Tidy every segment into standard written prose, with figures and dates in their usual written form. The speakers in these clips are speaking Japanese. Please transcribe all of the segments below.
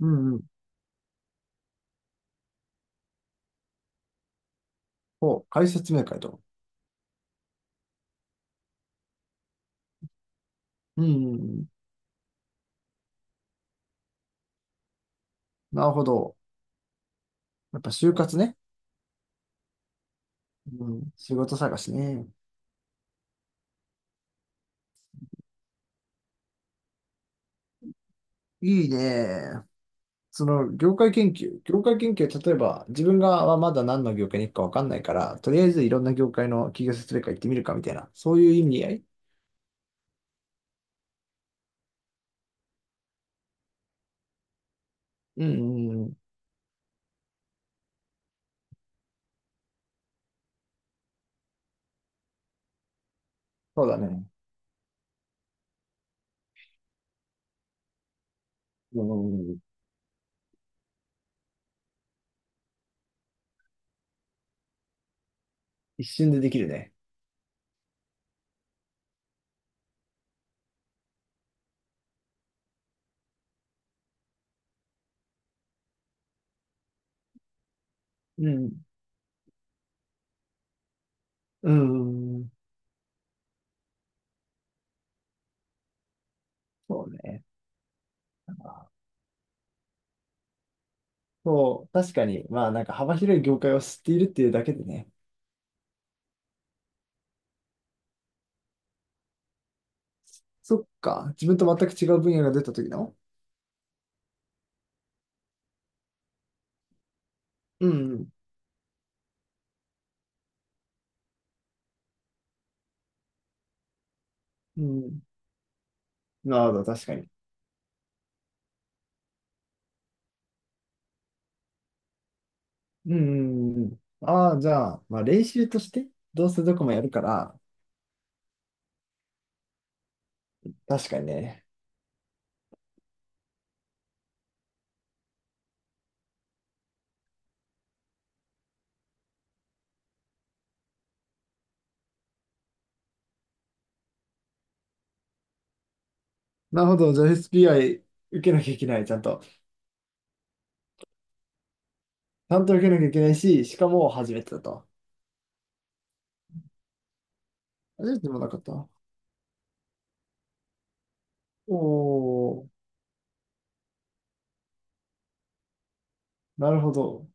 うんうん。お、解説明会と。うんうんうん。なるほど。やっぱ就活ね。うん。仕事探しね。いいね。その、業界研究、例えば、自分がはまだ何の業界に行くかわかんないから、とりあえずいろんな業界の企業説明会行ってみるかみたいな、そういう意味合い。うんうんうん。そうだね。うんうん。一瞬でできるね。うん。うんうんうん。そうね。そう、確かに、まあなんか幅広い業界を知っているっていうだけでね、そっか。自分と全く違う分野が出た時の。うん、うん。うん。なるほど、確かに。うん、うん、うん。うん。ああ、じゃあ、まあ練習として、どうせどこもやるから、確かにね。なるほど、じゃあ SPI 受けなきゃいけない、ちゃんと。ちゃんと受けなきゃいけないし、しかも初めてだと。初めてでもなかった。おお、なるほど。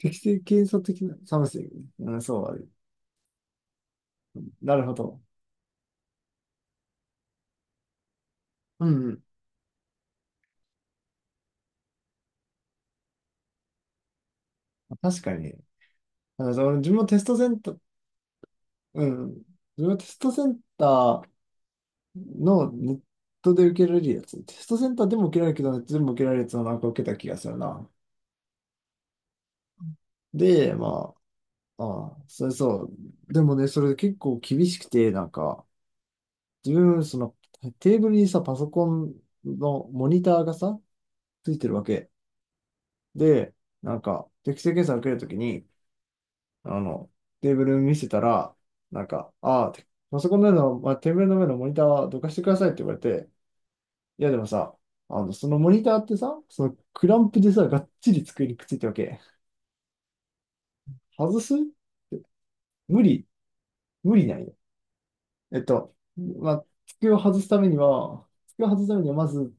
適正検査的な寒さ、サムスン。うん、そう、なるほど。うん、うん。確かに。あ、じゃあ俺自分もテストセンター、うん。自分もテストセンター、のネットで受けられるやつ。テストセンターでも受けられるけど、ネットでも受けられるやつをなんか受けた気がするな。で、まあ、ああ、それそう。でもね、それ結構厳しくて、なんか、自分、その、テーブルにさ、パソコンのモニターがさ、ついてるわけ。で、なんか、適性検査受けるときに、あの、テーブル見せたら、なんか、ああ、パソコンの上の、まあ、テーブルの上のモニターはどかしてくださいって言われて、いやでもさ、そのモニターってさ、そのクランプでさ、がっちり机にくっついてるわけ。外す無理、無理ないよ。まあ、机を外すためには、まず、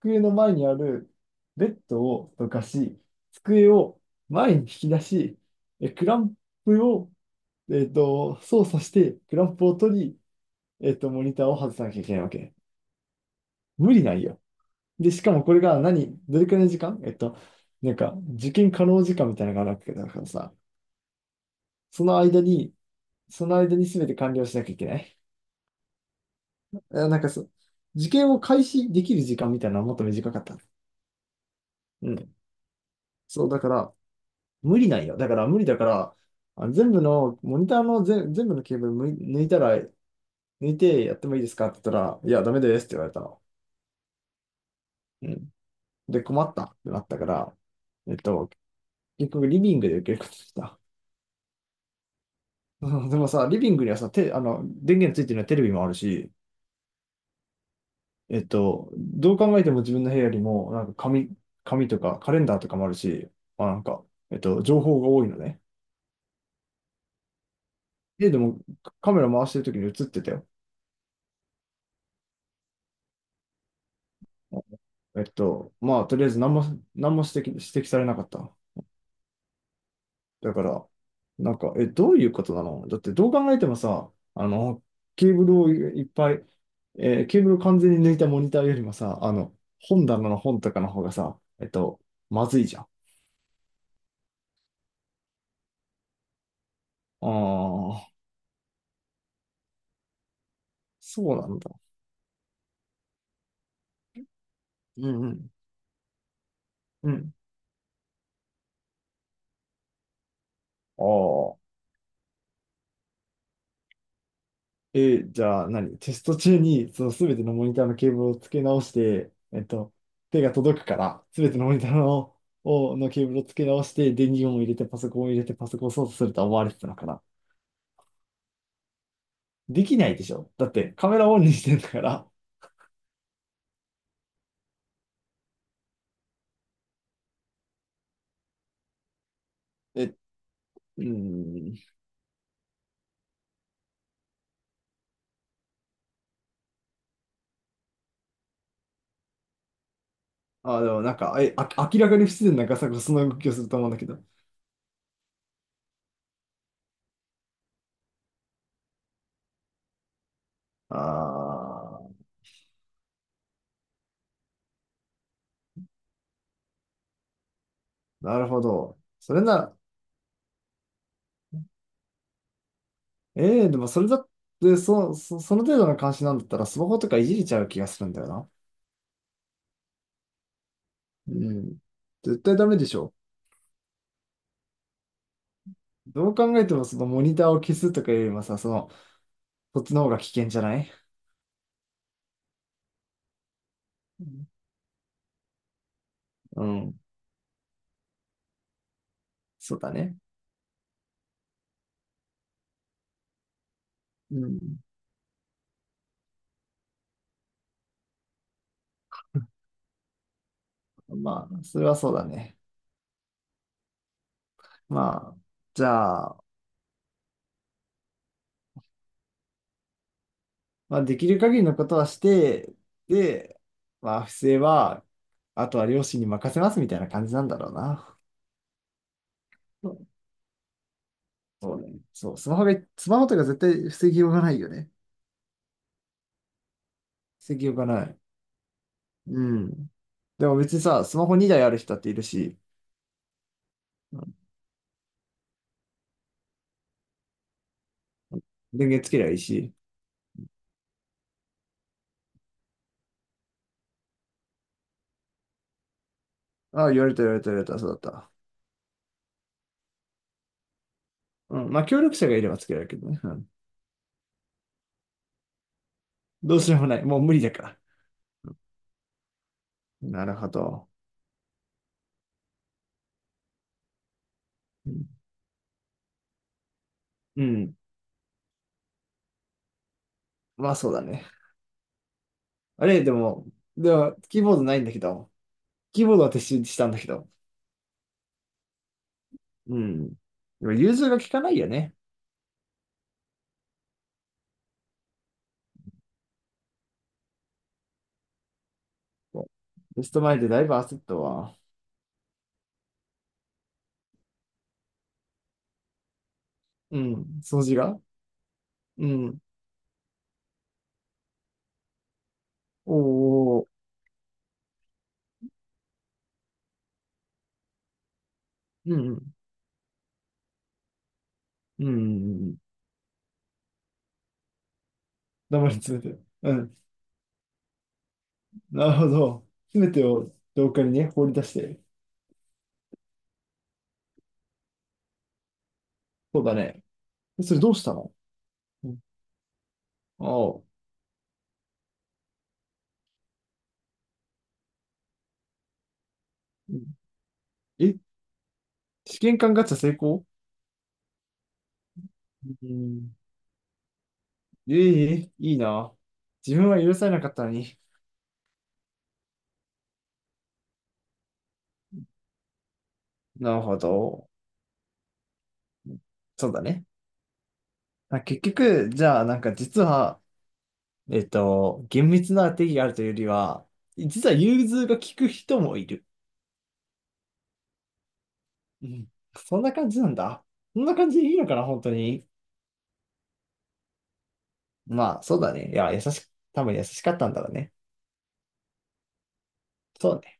机の前にあるベッドをどかし、机を前に引き出し、クランプを、操作して、クランプを取り、モニターを外さなきゃいけないわけ。無理ないよ。で、しかもこれが何、どれくらいの時間なんか、受験可能時間みたいなのがあるわけだからさ、その間に、その間に、全て完了しなきゃいけない。あ、なんかそう、受験を開始できる時間みたいなのはもっと短かった。うん。そう、だから、無理なんよ。だから無理だから、あ、全部の、モニターの全、全部のケーブル抜いたら、抜いてやってもいいですかって言ったら、いや、ダメですって言われたの。うん。で、困ったってなったから、えっと、結局リビングで受けることにした。うん、でもさ、リビングにはさ、電源ついてるのはテレビもあるし、どう考えても自分の部屋よりも、なんか紙とかカレンダーとかもあるし、まあなんか、情報が多いのね。家でもカメラ回してる時に映ってたよ。まあ、とりあえず何も指摘されなかった。だから、なんか、どういうことなのだってどう考えてもさ、ケーブルをいいっぱい、ケーブルを完全に抜いたモニターよりもさ、本棚の本とかの方がさ、まずいじゃん。ああ、そうなんだ。うんうん。うん。ああ。えじゃあ何テスト中に、その全てのモニターのケーブルを付け直して、手が届くから、全てのモニターの、をのケーブルを付け直して、電源を入れて、パソコンを入れて、パソコンを操作すると思われてたのかな。できないでしょ。だってカメラオンにしてんだから。え、うーん。あ、でもなんか、明らかに不自然なガサゴソの動きをすると思うんだけど。あー、なるほど。それなら、でもそれだって、その程度の監視なんだったらスマホとかいじれちゃう気がするんだよな。うん。絶対ダメでしょ。どう考えてもそのモニターを消すとかよりもさ、その、そっちの方が危険じゃない？うん。うん、そうだね。うん。まあ、それはそうだね。まあ、じゃあ、まあ、できる限りのことはして、で、まあ、不正は、あとは両親に任せますみたいな感じなんだろうな。そう、そうね。そう、スマホとか絶対防ぎようがないよね。防ぎようがない。うん。でも別にさ、スマホ2台ある人だっているし、うん。電源つけりゃいいし、ああ、言われた言われた言われた、そうだった。うん。まあ、協力者がいればつけられるけどね。うん。どうしようもない。もう無理だから。なるほど。うん。うん。まあ、そうだね。あれ、でも、では、キーボードないんだけど、キーボードは撤収したんだけど。うん。でも融通が効かないよね。テスト前でだいぶ焦ったわ。うん。掃除が。うん。おー。うん。うん。黙り詰めて。うん。なるほど。詰めてを廊下にね、放り出して。そうだね。え、それどうしたの？うん。ああ。うん。え、試験官ガチャ成功？うん。ええ、いいな。自分は許されなかったのに。なるほど。そうだね。あ、結局、じゃあ、なんか実は、厳密な定義があるというよりは、実は融通が利く人もいる。うん。そんな感じなんだ。そんな感じでいいのかな、本当に。まあ、そうだね。いや、多分優しかったんだろうね。そうね。